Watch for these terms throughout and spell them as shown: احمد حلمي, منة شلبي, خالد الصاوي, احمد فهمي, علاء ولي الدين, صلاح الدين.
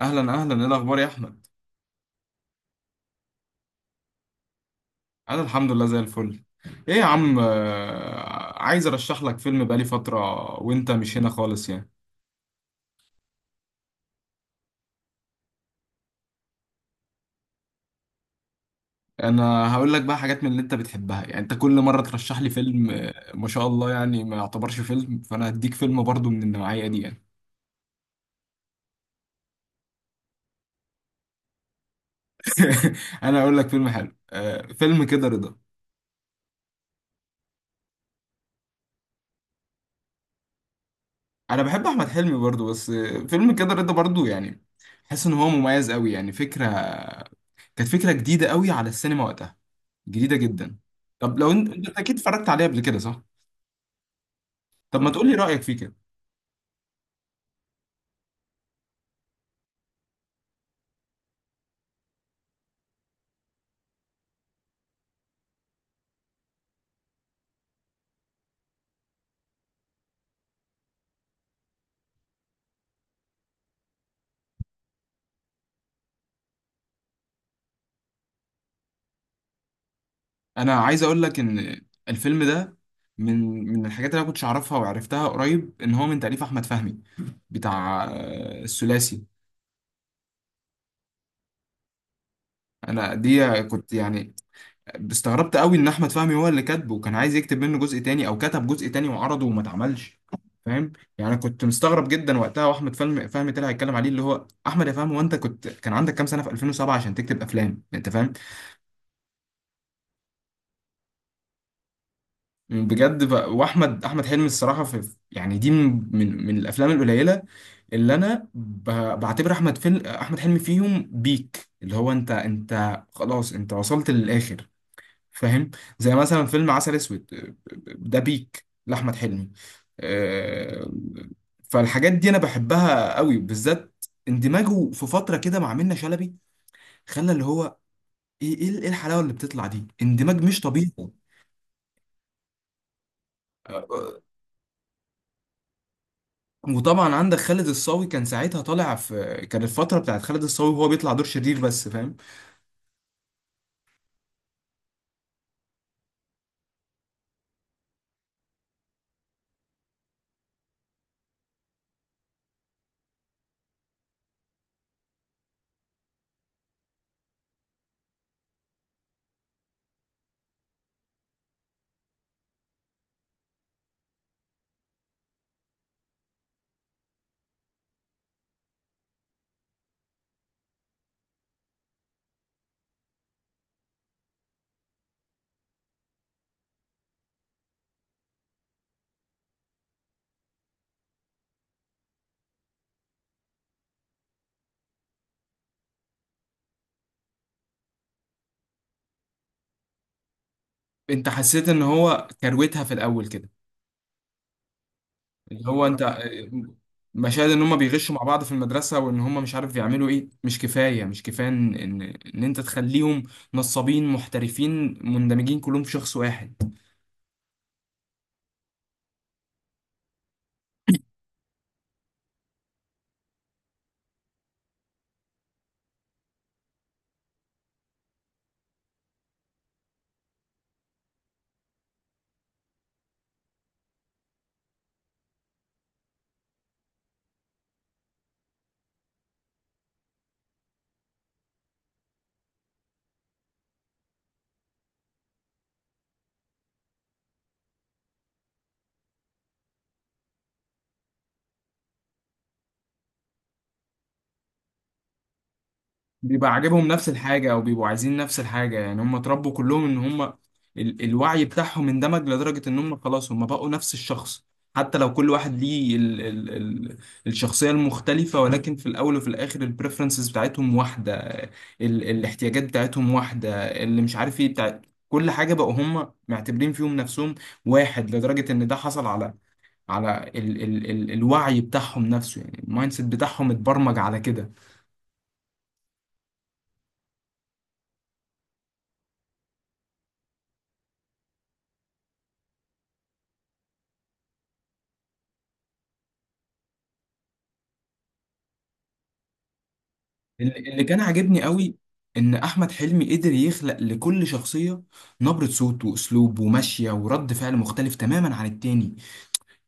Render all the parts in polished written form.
اهلا اهلا، ايه الاخبار يا احمد؟ انا الحمد لله زي الفل. ايه يا عم، عايز ارشح لك فيلم بقالي فتره، وانت مش هنا خالص يعني. انا هقول لك بقى حاجات من اللي انت بتحبها، يعني انت كل مره ترشح لي فيلم ما شاء الله، يعني ما يعتبرش فيلم، فانا هديك فيلم برضو من النوعيه دي يعني. انا هقول لك فيلم حلو، فيلم كده رضا. انا بحب احمد حلمي برضو، بس فيلم كده رضا برضو يعني. حاسس ان هو مميز قوي، يعني فكره كانت فكرة جديدة قوي على السينما وقتها، جديدة جدا. طب لو انت اكيد اتفرجت عليه قبل كده صح؟ طب ما تقولي رأيك فيه كده. انا عايز اقول لك ان الفيلم ده من الحاجات اللي انا كنتش اعرفها وعرفتها قريب، ان هو من تأليف احمد فهمي، بتاع الثلاثي. انا دي كنت يعني استغربت قوي ان احمد فهمي هو اللي كاتبه، وكان عايز يكتب منه جزء تاني او كتب جزء تاني وعرضه وما اتعملش. فاهم؟ يعني كنت مستغرب جدا وقتها، واحمد فهمي طلع يتكلم عليه، اللي هو احمد يا فهمي، وانت كنت كان عندك كام سنه في 2007 عشان تكتب افلام، انت فاهم؟ بجد. واحمد حلمي الصراحه، في يعني دي من الافلام القليله اللي انا بعتبر احمد فيلم احمد حلمي فيهم بيك، اللي هو انت خلاص انت وصلت للاخر، فاهم؟ زي مثلا فيلم عسل اسود، ده بيك لاحمد حلمي. آه، فالحاجات دي انا بحبها قوي، بالذات اندماجه في فتره كده مع منة شلبي، خلى اللي هو ايه ايه إيه الحلاوه اللي بتطلع دي، اندماج مش طبيعي. آه، وطبعا عندك خالد الصاوي، كان ساعتها طالع في، كان الفتره بتاعت خالد الصاوي وهو بيطلع دور شرير بس، فاهم؟ انت حسيت ان هو كروتها في الاول كده؟ اللي هو انت مشاهد ان هم بيغشوا مع بعض في المدرسه، وان هم مش عارف بيعملوا ايه، مش كفايه، مش كفايه ان انت تخليهم نصابين محترفين مندمجين كلهم في شخص واحد. بيبقى عاجبهم نفس الحاجة أو بيبقوا عايزين نفس الحاجة، يعني هم اتربوا كلهم إن هم الوعي بتاعهم اندمج لدرجة إن هم خلاص هم بقوا نفس الشخص. حتى لو كل واحد ليه ال ال ال الشخصية المختلفة، ولكن في الأول وفي الآخر البريفرنسز بتاعتهم واحدة، الاحتياجات بتاعتهم واحدة، اللي مش عارف إيه بتاع كل حاجة. بقوا هم معتبرين فيهم نفسهم واحد لدرجة إن ده حصل على على ال ال ال الوعي بتاعهم نفسه، يعني المايند سيت بتاعهم اتبرمج على كده. اللي كان عاجبني قوي، ان احمد حلمي قدر يخلق لكل شخصيه نبره صوت واسلوب ومشيه ورد فعل مختلف تماما عن التاني.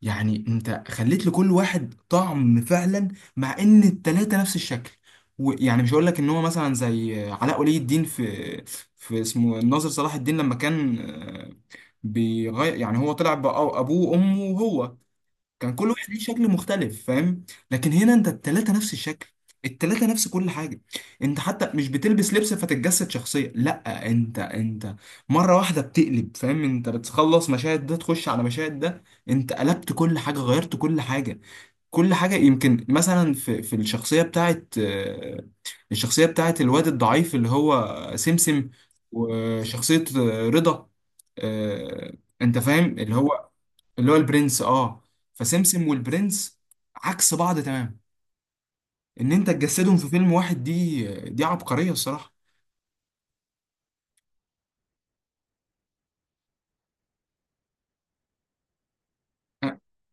يعني انت خليت لكل واحد طعم فعلا، مع ان التلاته نفس الشكل. ويعني مش هقول لك ان هو مثلا زي علاء ولي الدين في اسمه الناظر صلاح الدين، لما كان بيغير، يعني هو طلع ابوه وامه وهو. كان كل واحد ليه شكل مختلف، فاهم؟ لكن هنا انت التلاتة نفس الشكل، التلاتة نفس كل حاجة. انت حتى مش بتلبس لبس فتتجسد شخصية، لا، انت مرة واحدة بتقلب، فاهم؟ انت بتخلص مشاهد ده تخش على مشاهد ده، انت قلبت كل حاجة، غيرت كل حاجة، كل حاجة. يمكن مثلا في الشخصية بتاعت الشخصية بتاعت الواد الضعيف اللي هو سمسم، وشخصية رضا. آه، انت فاهم اللي هو، اللي هو البرنس. اه. فسمسم والبرنس عكس بعض تمام. ان انت تجسدهم في فيلم واحد، دي، دي عبقرية الصراحة.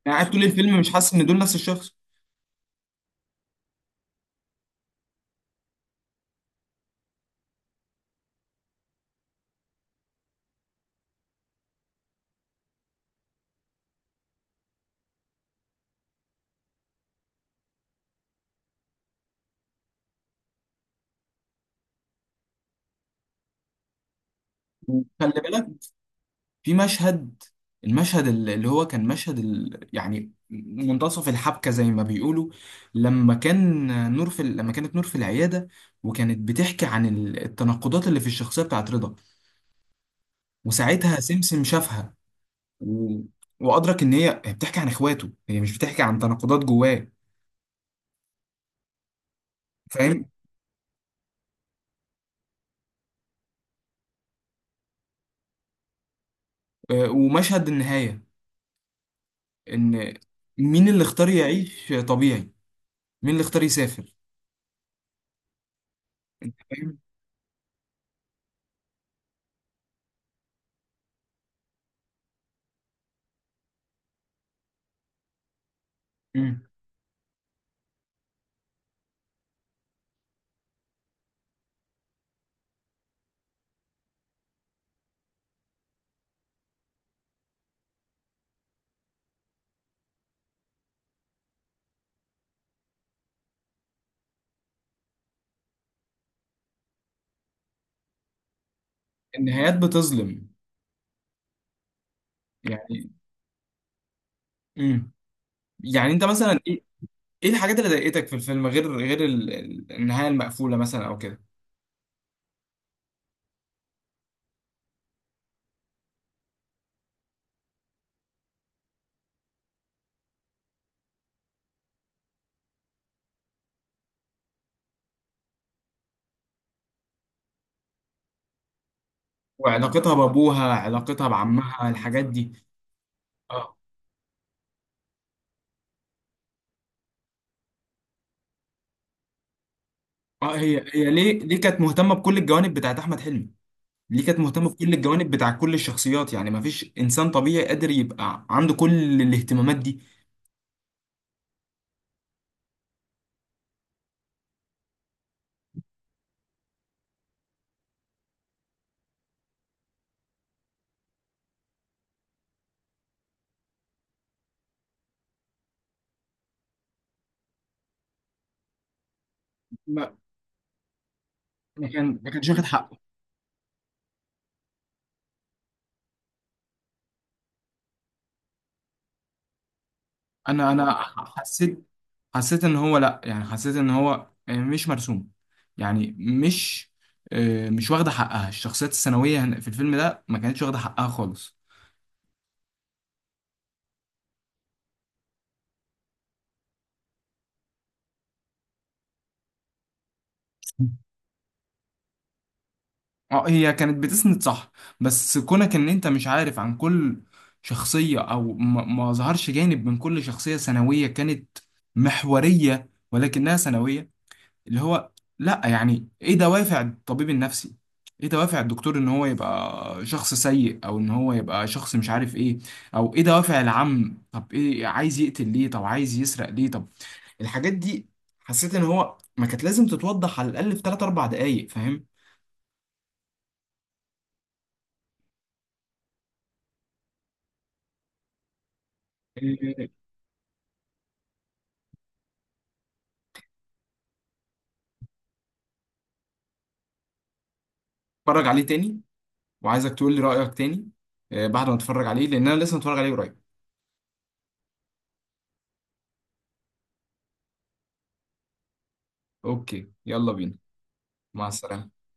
انا قاعد طول الفيلم مش حاسس ان دول نفس الشخص. وخلي بالك في مشهد، المشهد اللي هو كان مشهد يعني منتصف الحبكة زي ما بيقولوا، لما كان نور في لما كانت نور في العيادة، وكانت بتحكي عن التناقضات اللي في الشخصية بتاعت رضا، وساعتها سمسم شافها و... وادرك ان هي بتحكي عن اخواته، هي مش بتحكي عن تناقضات جواه. فاهم؟ ومشهد النهايه، ان مين اللي اختار يعيش طبيعي، مين اللي اختار يسافر؟ فاهم؟ مم. النهايات بتظلم، يعني. مم. يعني انت مثلا ايه، ايه الحاجات اللي ضايقتك في الفيلم، غير النهايه المقفوله مثلا او كده؟ وعلاقتها بابوها، علاقتها بعمها، الحاجات دي. اه. اه، هي ليه كانت مهتمه بكل الجوانب بتاعت احمد حلمي؟ دي كانت مهتمة بكل الجوانب بتاع كل الشخصيات، يعني ما فيش إنسان طبيعي قادر يبقى عنده كل الاهتمامات دي. ما ما كانش واخد حقه. انا حسيت حسيت ان هو، لا، يعني حسيت ان هو مش مرسوم، يعني مش، مش واخده حقها، الشخصيات الثانويه في الفيلم ده ما كانتش واخده حقها خالص. اه، هي كانت بتسند صح، بس كونك ان انت مش عارف عن كل شخصية، او ما ظهرش جانب من كل شخصية ثانوية كانت محورية ولكنها ثانوية، اللي هو لا، يعني ايه دوافع الطبيب النفسي، ايه دوافع الدكتور ان هو يبقى شخص سيء، او ان هو يبقى شخص مش عارف ايه، او ايه دوافع العم، طب ايه، عايز يقتل ليه، طب عايز يسرق ليه، طب، الحاجات دي. حسيت ان هو ما كانت لازم تتوضح على الاقل في 3 4 دقايق، فاهم؟ آه، اتفرج عليه تاني، وعايزك تقول لي رأيك تاني، بعد ما اتفرج عليه لان انا لسه متفرج عليه قريب. اوكي، يلا بينا. مع السلامة.